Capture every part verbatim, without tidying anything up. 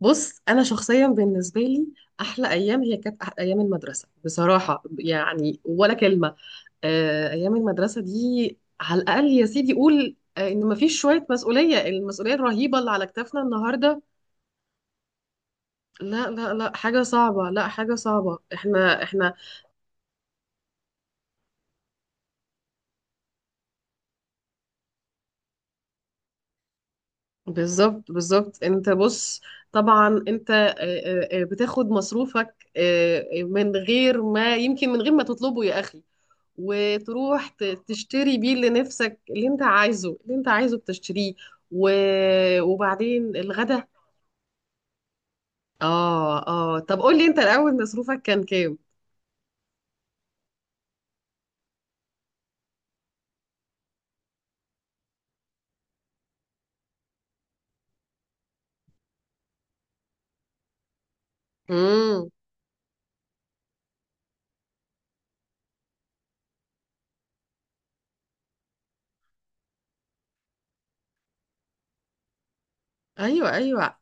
بص انا شخصيا بالنسبه لي، احلى ايام هي كانت أح- ايام المدرسه بصراحه، يعني ولا كلمه. آه، ايام المدرسه دي على الاقل يا سيدي قول، آه، ان مفيش شويه مسؤوليه، المسؤوليه الرهيبه اللي على كتافنا النهارده. لا لا لا حاجه صعبه، لا حاجه صعبه. احنا احنا بالظبط بالظبط. انت بص، طبعا انت آه، آه، آه، بتاخد مصروفك، آه، آه، من غير ما، يمكن من غير ما تطلبه يا اخي. وتروح ت- تشتري بيه اللي نفسك، اللي انت عايزه، اللي انت عايزه بتشتريه. و... وبعدين الغدا. اه اه، طب قول لي انت الاول، مصروفك كان كام؟ امم. ايوه ايوه.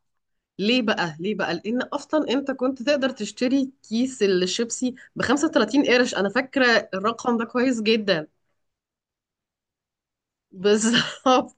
ليه بقى؟ ليه بقى؟ لان اصلا انت كنت تقدر تشتري كيس الشيبسي ب خمسة وتلاتين قرش، انا فاكره الرقم ده كويس جدا. بالظبط.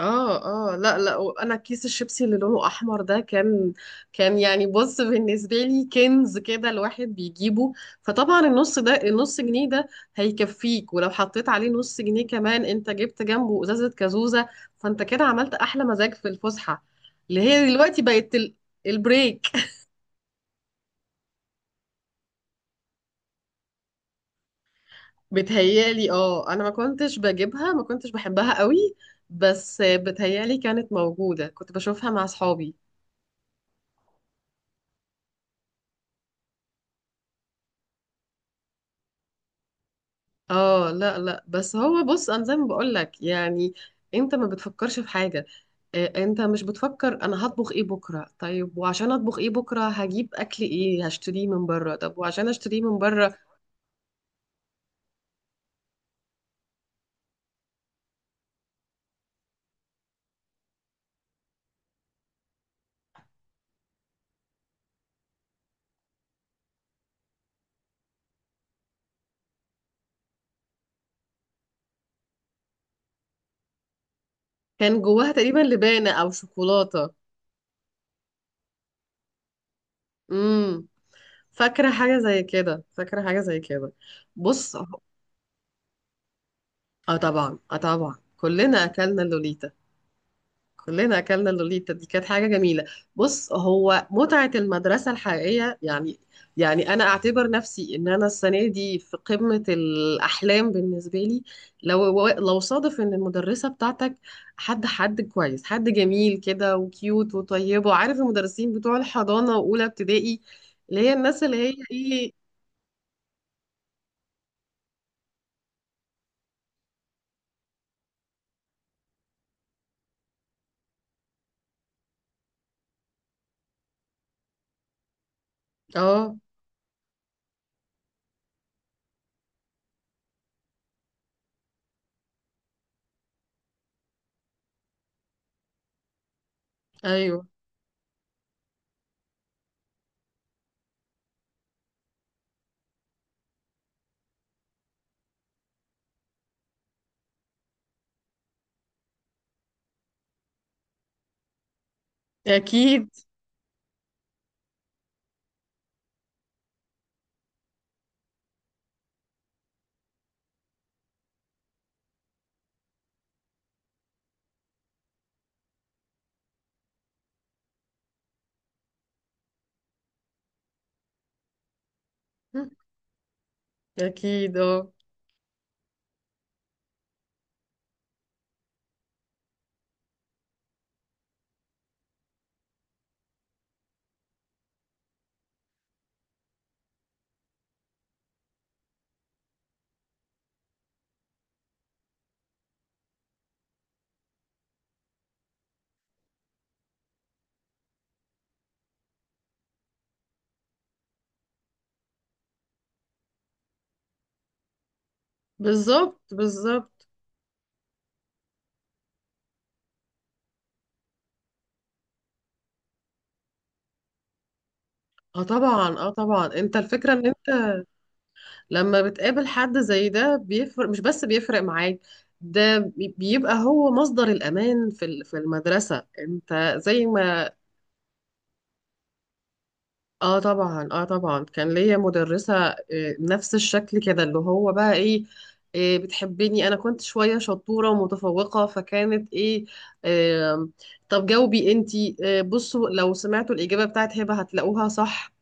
اه اه، لا لا، وانا كيس الشيبسي اللي لونه احمر ده كان، كان يعني، بص بالنسبه لي كنز كده الواحد بيجيبه. فطبعا النص ده، النص جنيه ده هيكفيك، ولو حطيت عليه نص جنيه كمان انت جبت جنبه ازازه كازوزه. فانت كده عملت احلى مزاج في الفسحه، اللي هي دلوقتي بقت ال- البريك. بتهيالي اه، انا ما كنتش بجيبها، ما كنتش بحبها قوي، بس بتهيالي كانت موجوده، كنت بشوفها مع اصحابي. اه لا لا، بس هو بص، انا زي ما بقول لك يعني، انت ما بتفكرش في حاجه. آه، انت مش بتفكر انا هطبخ ايه بكره، طيب وعشان اطبخ ايه بكره هجيب اكل ايه، هشتريه من بره، طب وعشان اشتريه من بره. كان جواها تقريبا لبانه او شوكولاته. امم. فاكره حاجه زي كده، فاكره حاجه زي كده. بص، اه طبعا اه طبعا، كلنا اكلنا اللوليتا، كلنا اكلنا اللوليتا، دي كانت حاجه جميله. بص، هو متعه المدرسه الحقيقيه يعني، يعني انا اعتبر نفسي ان انا السنه دي في قمه الاحلام بالنسبه لي. لو لو صادف ان المدرسه بتاعتك، حد حد كويس، حد جميل كده وكيوت وطيب، وعارف المدرسين بتوع الحضانه واولى ابتدائي، اللي هي الناس اللي هي ايه. اه. ايوه. اكيد اكيد. اه. بالظبط بالظبط. اه طبعا اه طبعا، انت الفكره ان لما بتقابل حد زي ده بيفرق، مش بس بيفرق معاك، ده بي- بيبقى هو مصدر الأمان في ال- في المدرسة، انت زي ما. اه طبعا اه طبعا، كان ليا مدرسة، آه، نفس الشكل كده، اللي هو بقى ايه، آه، بتحبني، انا كنت شوية شطورة ومتفوقة، فكانت ايه، آه. طب جاوبي انتي، آه، بصوا لو سمعتوا الإجابة بتاعت هبة هتلاقوها صح.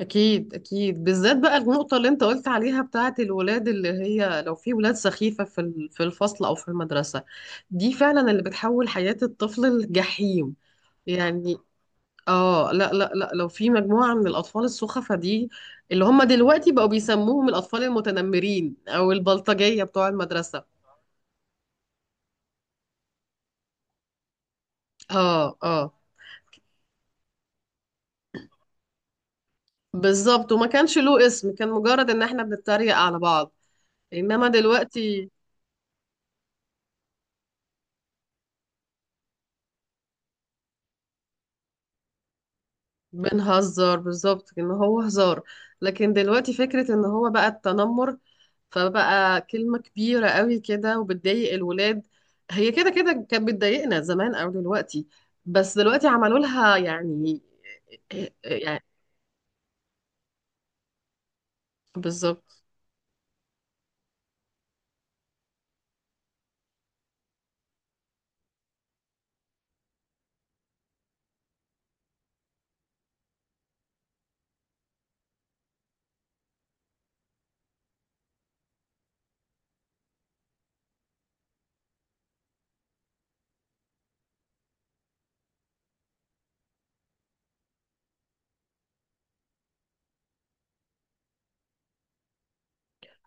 اكيد اكيد، بالذات بقى النقطه اللي انت قلت عليها بتاعه الولاد، اللي هي لو في ولاد سخيفه في ال- في الفصل او في المدرسه، دي فعلا اللي بتحول حياه الطفل لجحيم. يعني اه لا لا لا، لو في مجموعه من الاطفال السخفه دي، اللي هم دلوقتي بقوا بيسموهم الاطفال المتنمرين او البلطجيه بتوع المدرسه. اه اه. بالظبط، وما كانش له اسم، كان مجرد ان احنا بنتريق على بعض. انما دلوقتي، بنهزر بالظبط، ان هو هزار. لكن دلوقتي فكرة ان هو بقى التنمر، فبقى كلمة كبيرة قوي كده وبتضايق الولاد. هي كده كده كانت بتضايقنا زمان او دلوقتي، بس دلوقتي عملوا لها يعني، يعني بالظبط.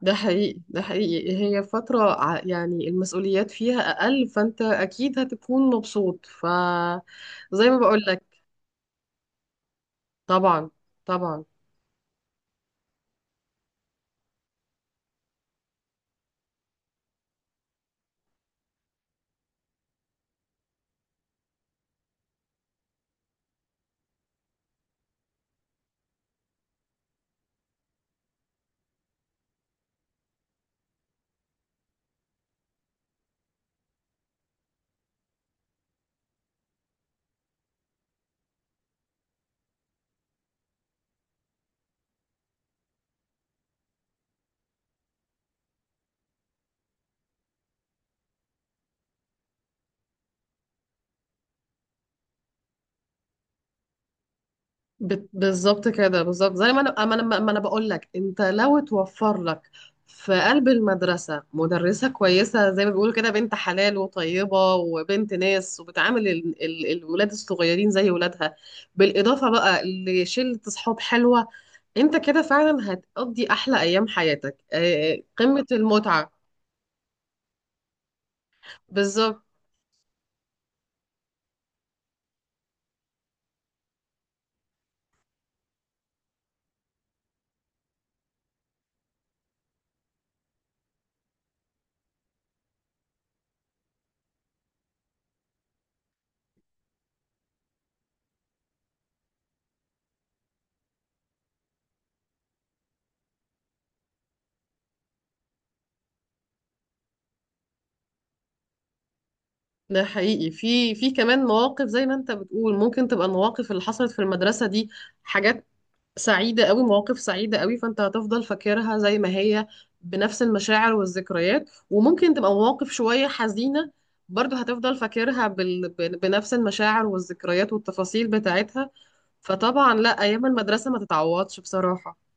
ده حقيقي ده حقيقي، هي فترة ع- يعني المسؤوليات فيها اقل، فانت اكيد هتكون مبسوط، فزي ما بقول لك. طبعا طبعا. بت- بالظبط كده، بالظبط زي ما انا ما انا ما انا بقول لك، انت لو توفر لك في قلب المدرسه مدرسه كويسه، زي ما بيقولوا كده، بنت حلال وطيبه وبنت ناس، وبتعامل ال- ال- الولاد الصغيرين زي ولادها، بالاضافه بقى لشله اصحاب حلوه، انت كده فعلا هتقضي احلى ايام حياتك، آه، قمه المتعه. بالظبط. ده حقيقي، في في كمان مواقف زي ما انت بتقول، ممكن تبقى المواقف اللي حصلت في المدرسه دي حاجات سعيدة قوي، مواقف سعيدة قوي، فانت هتفضل فاكرها زي ما هي، بنفس المشاعر والذكريات. وممكن تبقى مواقف شوية حزينة، برضه هتفضل فاكرها، بال... بن- بنفس المشاعر والذكريات والتفاصيل بتاعتها. فطبعا لا، أيام المدرسة ما تتعوضش بصراحة.